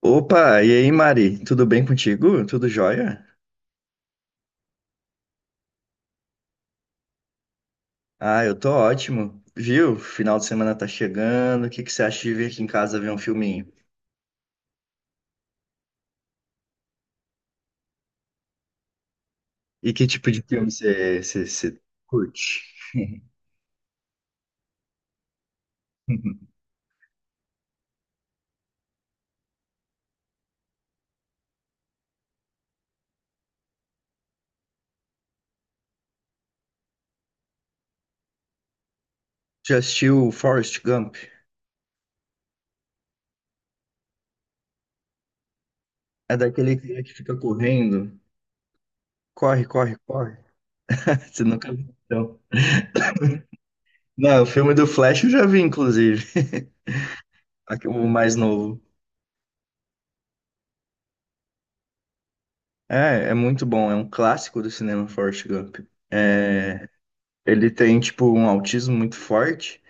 Opa, e aí, Mari? Tudo bem contigo? Tudo jóia? Ah, eu tô ótimo. Viu? Final de semana tá chegando. O que que você acha de vir aqui em casa ver um filminho? E que tipo de filme você curte? Já assistiu Forrest Gump? É daquele cara que fica correndo. Corre, corre, corre. Você nunca viu, então. Não, o filme do Flash eu já vi, inclusive. Aqui, o mais novo. É muito bom. É um clássico do cinema, Forrest Gump. É, ele tem, tipo, um autismo muito forte.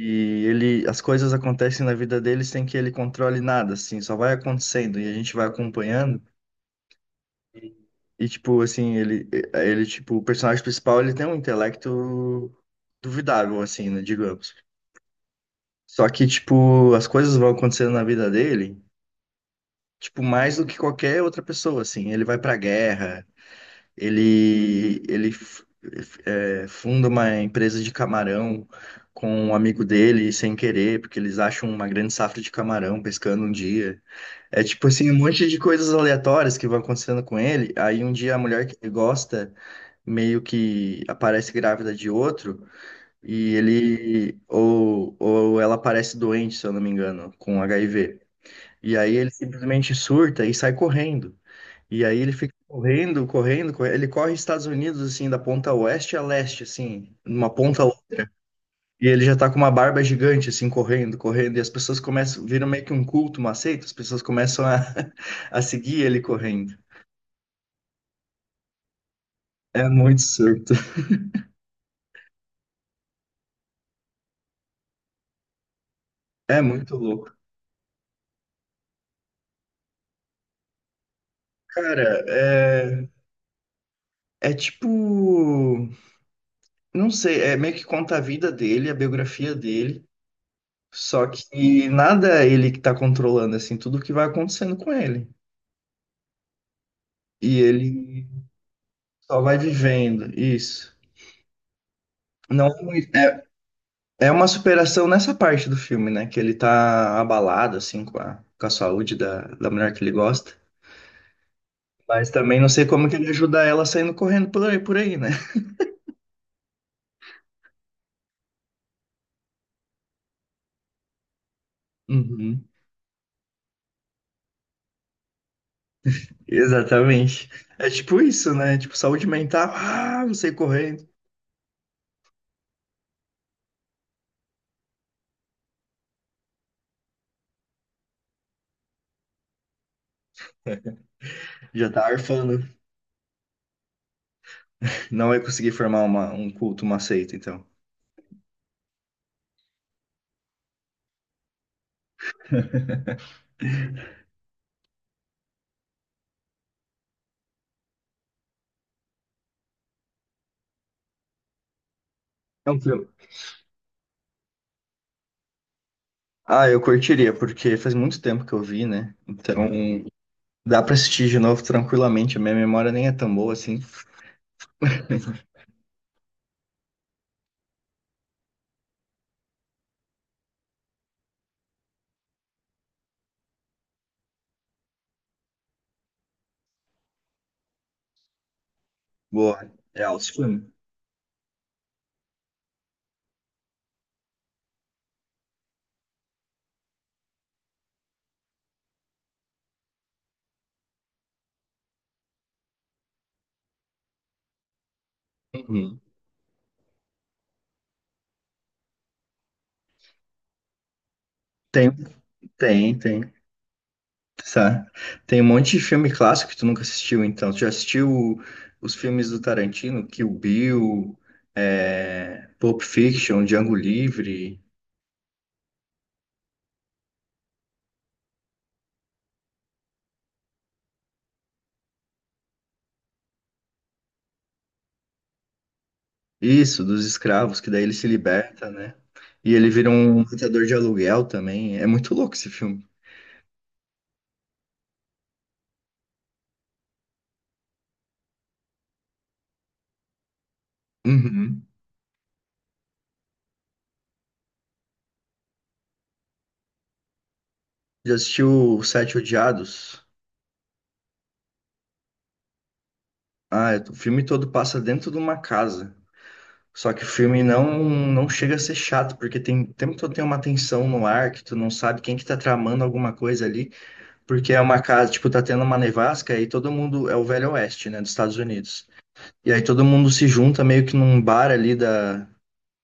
E ele, as coisas acontecem na vida dele sem que ele controle nada, assim, só vai acontecendo e a gente vai acompanhando. E tipo assim, ele tipo, o personagem principal, ele tem um intelecto duvidável assim, né, digamos. Só que tipo, as coisas vão acontecendo na vida dele, tipo, mais do que qualquer outra pessoa assim. Ele vai pra guerra. Ele é, funda uma empresa de camarão com um amigo dele, sem querer, porque eles acham uma grande safra de camarão pescando um dia. É tipo assim, um monte de coisas aleatórias que vão acontecendo com ele. Aí um dia a mulher que ele gosta meio que aparece grávida de outro, e ele, ou ela aparece doente, se eu não me engano, com HIV. E aí ele simplesmente surta e sai correndo. E aí ele fica correndo, correndo, correndo. Ele corre Estados Unidos, assim, da ponta oeste a leste, assim, numa ponta a outra. E ele já tá com uma barba gigante, assim, correndo, correndo. E as pessoas começam, viram meio que um culto, uma seita, as pessoas começam a, a seguir ele correndo. É muito surto. É muito louco. Cara, é, é tipo. Não sei, é meio que conta a vida dele, a biografia dele. Só que nada é ele que tá controlando, assim, tudo que vai acontecendo com ele. E ele só vai vivendo, isso. Não, é uma superação nessa parte do filme, né? Que ele tá abalado, assim, com a saúde da, da mulher que ele gosta. Mas também não sei como que ele ajuda ela saindo correndo por aí, né? Uhum. Exatamente. É tipo isso, né? Tipo, saúde mental, ah, não sei correndo. Já tá arfando. Não vai conseguir formar uma, um culto, uma seita, então. É um filme. Ah, eu curtiria, porque faz muito tempo que eu vi, né? Então, dá pra assistir de novo tranquilamente. A minha memória nem é tão boa assim. Boa. É alto filme. Uhum. Tem, tem. Sabe? Tem um monte de filme clássico que tu nunca assistiu, então. Tu já assistiu os filmes do Tarantino, Kill Bill, é, Pulp Fiction, Django Livre, isso, dos escravos, que daí ele se liberta, né? E ele vira um matador de aluguel também. É muito louco esse filme. Uhum. Já assistiu Os Sete Odiados? Ah, o filme todo passa dentro de uma casa. Só que o filme não, não chega a ser chato, porque tem, o tempo todo tem uma tensão no ar que tu não sabe quem que tá tramando alguma coisa ali, porque é uma casa, tipo, tá tendo uma nevasca e todo mundo é o Velho Oeste, né, dos Estados Unidos. E aí todo mundo se junta meio que num bar ali da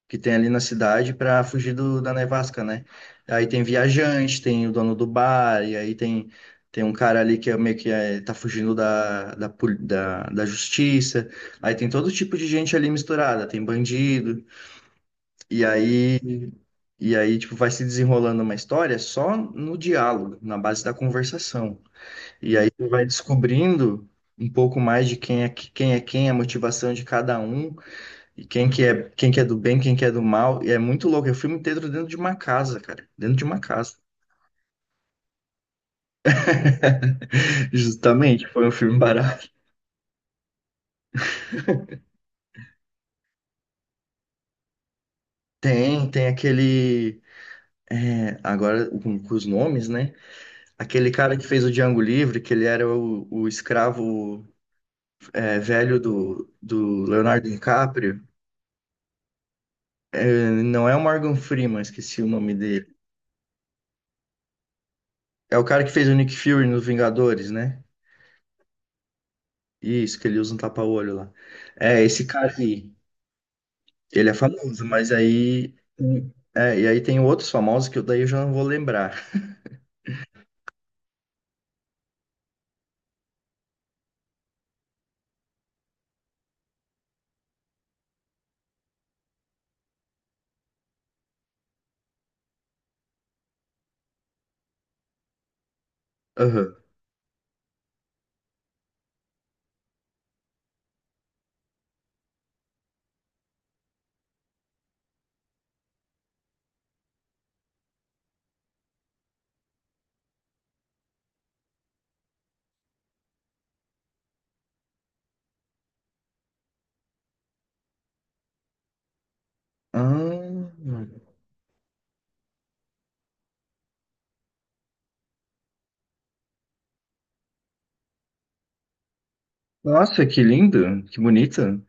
que tem ali na cidade pra fugir do, da nevasca, né? Aí tem viajante, tem o dono do bar, e aí tem um cara ali que é meio que é, tá fugindo da, da justiça. Aí tem todo tipo de gente ali misturada, tem bandido. E aí, e aí, tipo, vai se desenrolando uma história só no diálogo, na base da conversação. E aí você vai descobrindo um pouco mais de quem é quem, a motivação de cada um, e quem que é do bem, quem que é do mal. E é muito louco, é o filme inteiro dentro de uma casa, cara, dentro de uma casa. Justamente, foi um filme barato. Tem, tem aquele. É, agora com os nomes, né? Aquele cara que fez o Django Livre, que ele era o escravo. É, velho do, do Leonardo DiCaprio. É, não é o Morgan Freeman, esqueci o nome dele. É o cara que fez o Nick Fury nos Vingadores, né? Isso, que ele usa um tapa-olho lá. É, esse cara aí, ele é famoso, mas aí. É, e aí tem outros famosos que eu daí eu já não vou lembrar. Aham. Ah, nossa, que lindo, que bonito.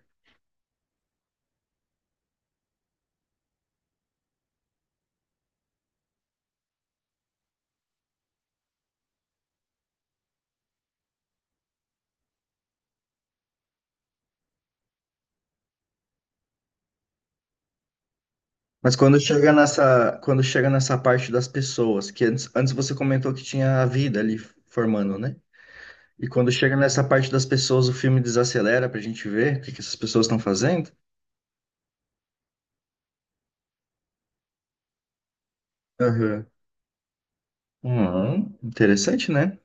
Mas quando chega nessa parte das pessoas, que antes você comentou que tinha a vida ali formando, né? E quando chega nessa parte das pessoas, o filme desacelera pra gente ver o que que essas pessoas estão fazendo. Aham. Interessante, né?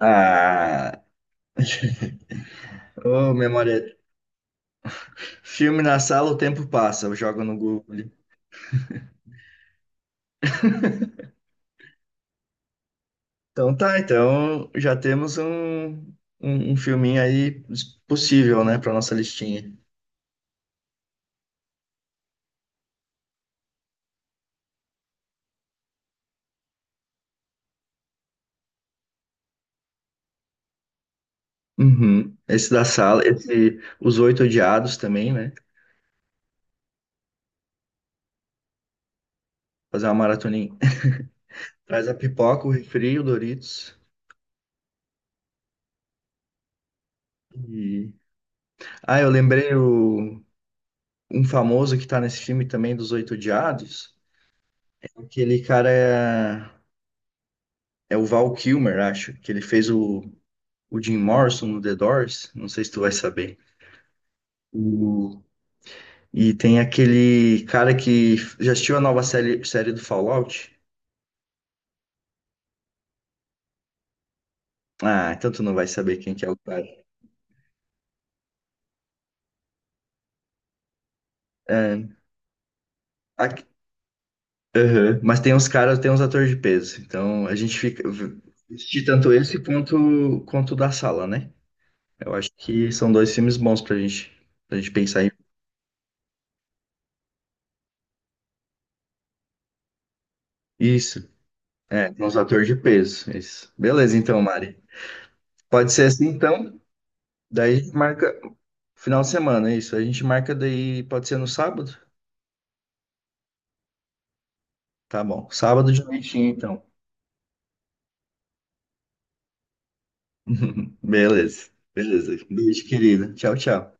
Ah, ô, memória. Filme na sala, o tempo passa, eu jogo no Google. Então tá, então já temos um filminho aí possível, né, pra nossa listinha. Uhum. Esse da sala, esse Os Oito Odiados também, né? Fazer uma maratoninha. Traz a pipoca, o refri, o Doritos. E... ah, eu lembrei o um famoso que tá nesse filme também dos Oito Odiados, é aquele é o Val Kilmer, acho, que ele fez o Jim Morrison no The Doors, não sei se tu vai saber. O- E tem aquele cara que já assistiu a nova série do Fallout? Ah, então tu não vai saber quem que é o cara. É, aqui- aham. Mas tem uns caras, tem uns atores de peso, então a gente fica assistir tanto esse quanto o da sala, né? Eu acho que são dois filmes bons pra gente pensar isso. É, nos atores de peso. Isso. Beleza, então, Mari. Pode ser assim, então. Daí a gente marca final de semana, isso. A gente marca daí, pode ser no sábado? Tá bom. Sábado de noitinha, então. Beleza. Beleza. Beijo, querida. Tchau, tchau.